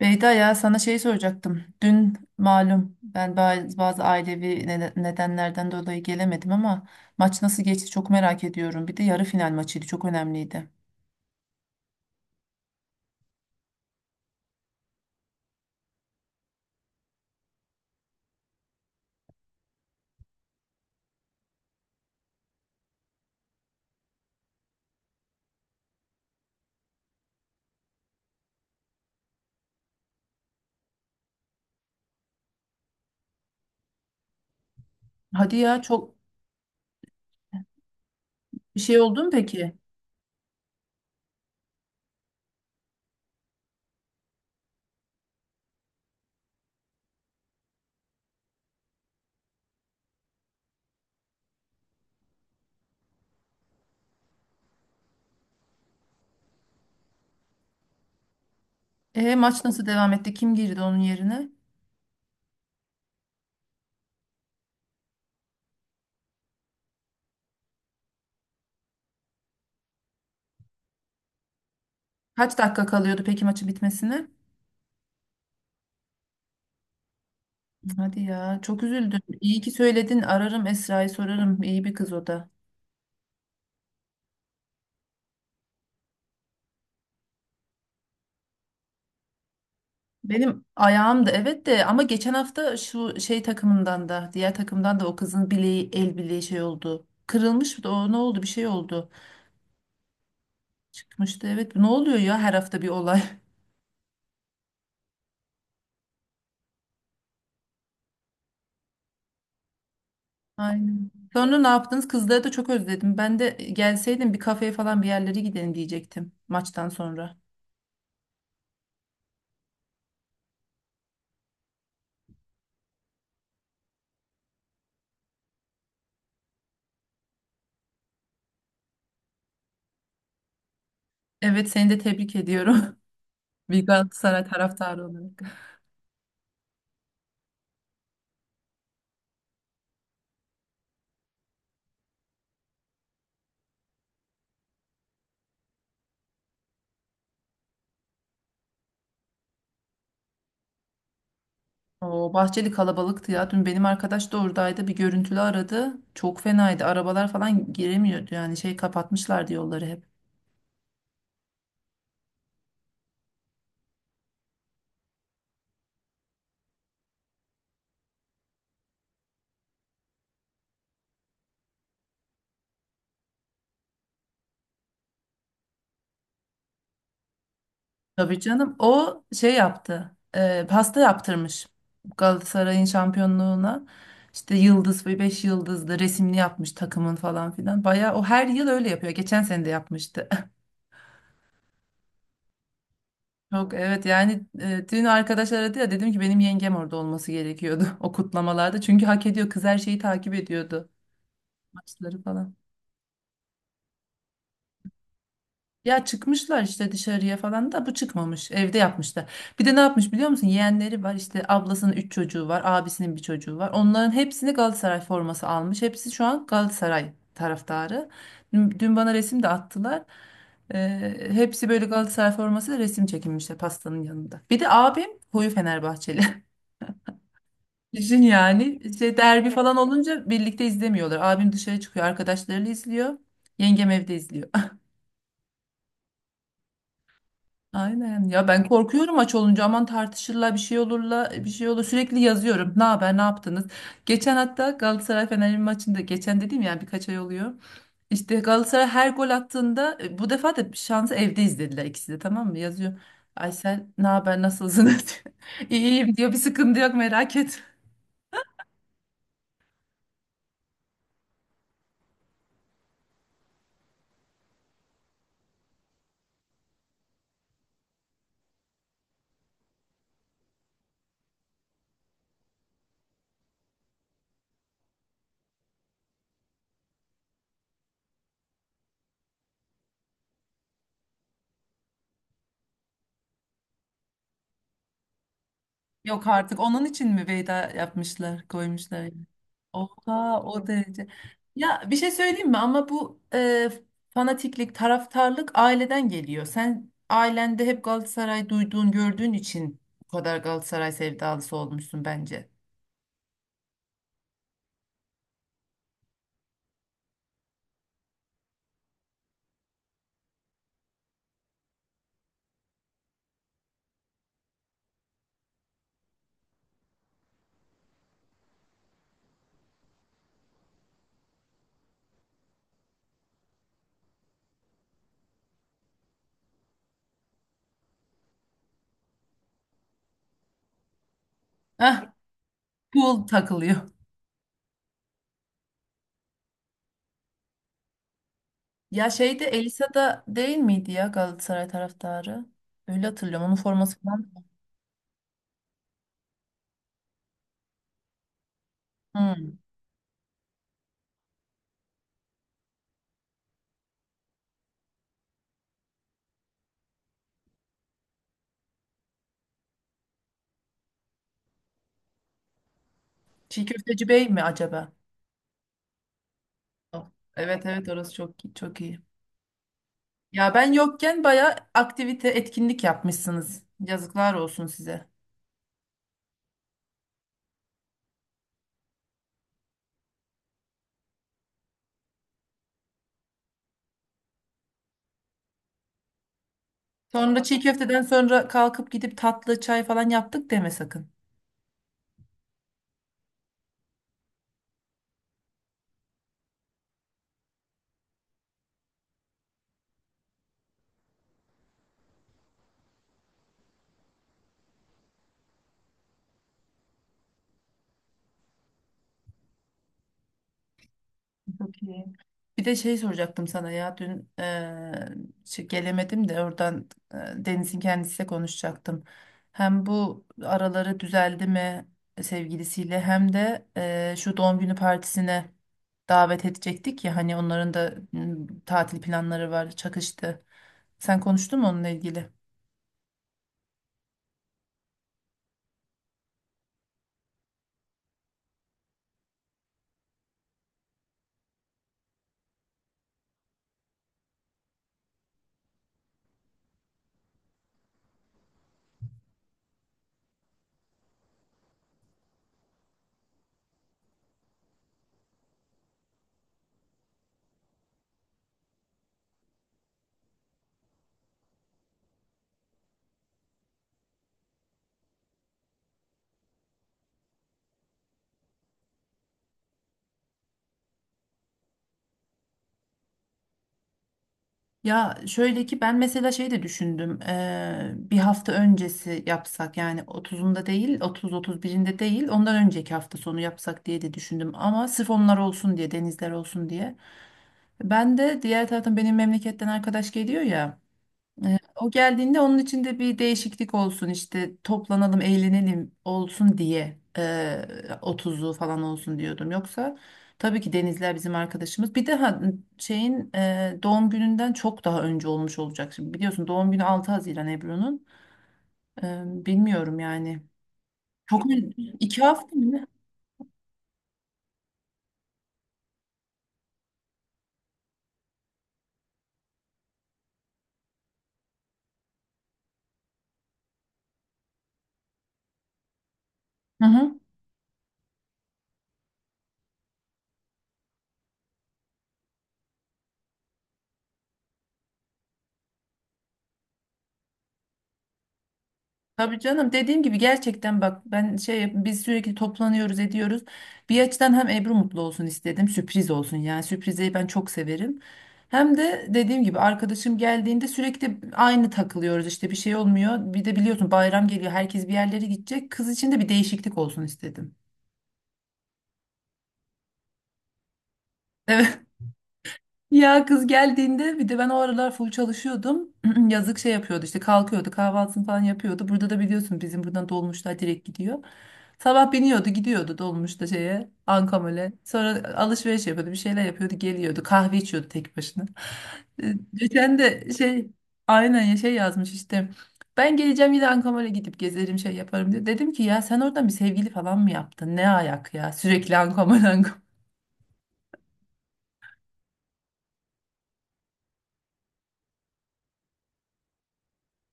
Beyda ya sana şey soracaktım. Dün malum ben bazı ailevi nedenlerden dolayı gelemedim ama maç nasıl geçti çok merak ediyorum. Bir de yarı final maçıydı çok önemliydi. Hadi ya çok bir şey oldu mu peki? Maç nasıl devam etti? Kim girdi onun yerine? Kaç dakika kalıyordu peki maçı bitmesine? Hadi ya çok üzüldüm. İyi ki söyledin. Ararım Esra'yı sorarım. İyi bir kız o da. Benim ayağım da, evet, de ama geçen hafta şu şey takımından da diğer takımdan da o kızın bileği el bileği şey oldu. Kırılmış da o ne oldu, bir şey oldu. Çıkmıştı, evet. Ne oluyor ya, her hafta bir olay. Aynen. Sonra ne yaptınız? Kızları da çok özledim. Ben de gelseydim bir kafeye falan bir yerlere gidelim diyecektim maçtan sonra. Evet, seni de tebrik ediyorum. Bir Galatasaray taraftarı olarak. O Bahçeli kalabalıktı ya. Dün benim arkadaş da oradaydı. Bir görüntülü aradı. Çok fenaydı. Arabalar falan giremiyordu. Yani şey kapatmışlardı yolları hep. Tabii canım. O şey yaptı. Pasta yaptırmış. Galatasaray'ın şampiyonluğuna. İşte yıldız ve beş yıldızlı resimli yapmış takımın falan filan. Bayağı o her yıl öyle yapıyor. Geçen sene de yapmıştı. Çok evet, yani dün arkadaş aradı ya, dedim ki benim yengem orada olması gerekiyordu o kutlamalarda. Çünkü hak ediyor. Kız her şeyi takip ediyordu. Maçları falan. Ya çıkmışlar işte dışarıya falan da bu çıkmamış. Evde yapmışlar. Bir de ne yapmış biliyor musun? Yeğenleri var işte, ablasının 3 çocuğu var. Abisinin bir çocuğu var. Onların hepsini Galatasaray forması almış. Hepsi şu an Galatasaray taraftarı. Dün bana resim de attılar. Hepsi böyle Galatasaray formasıyla resim çekinmişler pastanın yanında. Bir de abim koyu Fenerbahçeli. Düşün yani, işte derbi, evet, falan olunca birlikte izlemiyorlar. Abim dışarı çıkıyor arkadaşlarıyla izliyor. Yengem evde izliyor. Aynen. Ya ben korkuyorum, aç olunca aman tartışırlar bir şey olurla bir şey olur. Sürekli yazıyorum. Ne haber, ne yaptınız? Geçen hatta Galatasaray Fenerbahçe maçında, geçen dediğim yani, birkaç ay oluyor. İşte Galatasaray her gol attığında, bu defa da şansı evde izlediler ikisi de, tamam mı? Yazıyorum. Aysel ne haber, nasılsınız? İyiyim diyor. Bir sıkıntı yok, merak etme. Yok artık, onun için mi veda yapmışlar, koymuşlar yani? Oha, o derece. Ya bir şey söyleyeyim mi ama bu fanatiklik, taraftarlık aileden geliyor. Sen ailende hep Galatasaray duyduğun, gördüğün için bu kadar Galatasaray sevdalısı olmuşsun bence. Heh, pul takılıyor. Ya şeyde Elisa da değil miydi ya, Galatasaray taraftarı? Öyle hatırlıyorum. Onun forması falan. Hmm. Çiğ Köfteci Bey mi acaba? Oh, evet, evet, orası çok çok iyi. Ya ben yokken bayağı aktivite, etkinlik yapmışsınız. Yazıklar olsun size. Sonra çiğ köfteden sonra kalkıp gidip tatlı çay falan yaptık deme sakın. Çok iyi. Bir de şey soracaktım sana ya, dün şey gelemedim de, oradan Deniz'in kendisiyle konuşacaktım. Hem bu araları düzeldi mi sevgilisiyle, hem de şu doğum günü partisine davet edecektik ya, hani onların da tatil planları var, çakıştı. Sen konuştun mu onunla ilgili? Ya şöyle ki, ben mesela şey de düşündüm. Bir hafta öncesi yapsak, yani otuzunda değil, otuz otuz birinde değil, ondan önceki hafta sonu yapsak diye de düşündüm. Ama sırf onlar olsun diye, denizler olsun diye. Ben de diğer taraftan, benim memleketten arkadaş geliyor ya. O geldiğinde onun içinde bir değişiklik olsun, işte toplanalım eğlenelim olsun diye 30'u falan olsun diyordum. Yoksa tabii ki Denizler bizim arkadaşımız. Bir de şeyin doğum gününden çok daha önce olmuş olacak. Şimdi biliyorsun, doğum günü 6 Haziran Ebru'nun. Bilmiyorum yani. Çok ön- 2 hafta mı? Ne? Hı hı. Tabii canım, dediğim gibi gerçekten bak, ben şey, biz sürekli toplanıyoruz, ediyoruz. Bir açıdan hem Ebru mutlu olsun istedim, sürpriz olsun, yani sürprizi ben çok severim. Hem de dediğim gibi arkadaşım geldiğinde sürekli aynı takılıyoruz işte, bir şey olmuyor. Bir de biliyorsun bayram geliyor, herkes bir yerlere gidecek, kız için de bir değişiklik olsun istedim. Evet. Ya kız geldiğinde bir de ben o aralar full çalışıyordum. Yazık, şey yapıyordu işte, kalkıyordu kahvaltısını falan yapıyordu. Burada da biliyorsun, bizim buradan dolmuşlar direkt gidiyor. Sabah biniyordu gidiyordu dolmuşta şeye, Ankamol'e. Sonra alışveriş yapıyordu, bir şeyler yapıyordu, geliyordu. Kahve içiyordu tek başına. Geçen de şey, aynen ya, şey yazmış işte. Ben geleceğim yine Ankamol'e gidip gezerim, şey yaparım diye. Dedim ki ya sen oradan bir sevgili falan mı yaptın? Ne ayak ya, sürekli Ankamol Ankamol.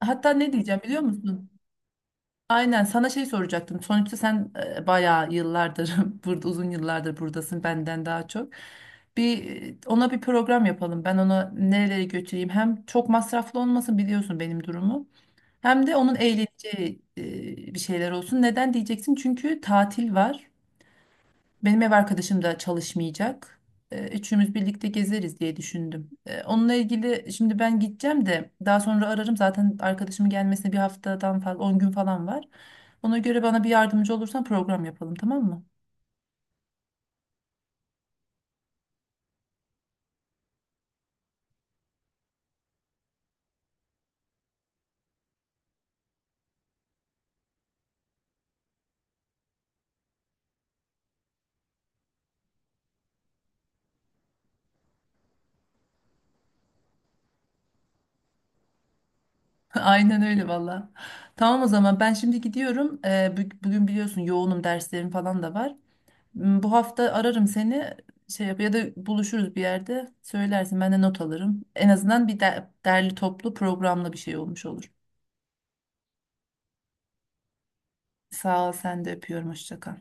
Hatta ne diyeceğim biliyor musun? Aynen, sana şey soracaktım. Sonuçta sen bayağı yıllardır burada, uzun yıllardır buradasın benden daha çok. Ona bir program yapalım. Ben ona nerelere götüreyim. Hem çok masraflı olmasın, biliyorsun benim durumu. Hem de onun eğleneceği bir şeyler olsun. Neden diyeceksin? Çünkü tatil var. Benim ev arkadaşım da çalışmayacak. Üçümüz birlikte gezeriz diye düşündüm. Onunla ilgili şimdi ben gideceğim de, daha sonra ararım. Zaten arkadaşımın gelmesine bir haftadan fazla, 10 gün falan var. Ona göre bana bir yardımcı olursan program yapalım, tamam mı? Aynen öyle valla. Tamam, o zaman ben şimdi gidiyorum. Bugün biliyorsun yoğunum, derslerim falan da var. Bu hafta ararım seni, şey yap, ya da buluşuruz bir yerde, söylersin ben de not alırım. En azından derli toplu, programlı bir şey olmuş olur. Sağ ol, sen de, öpüyorum. Hoşça kal.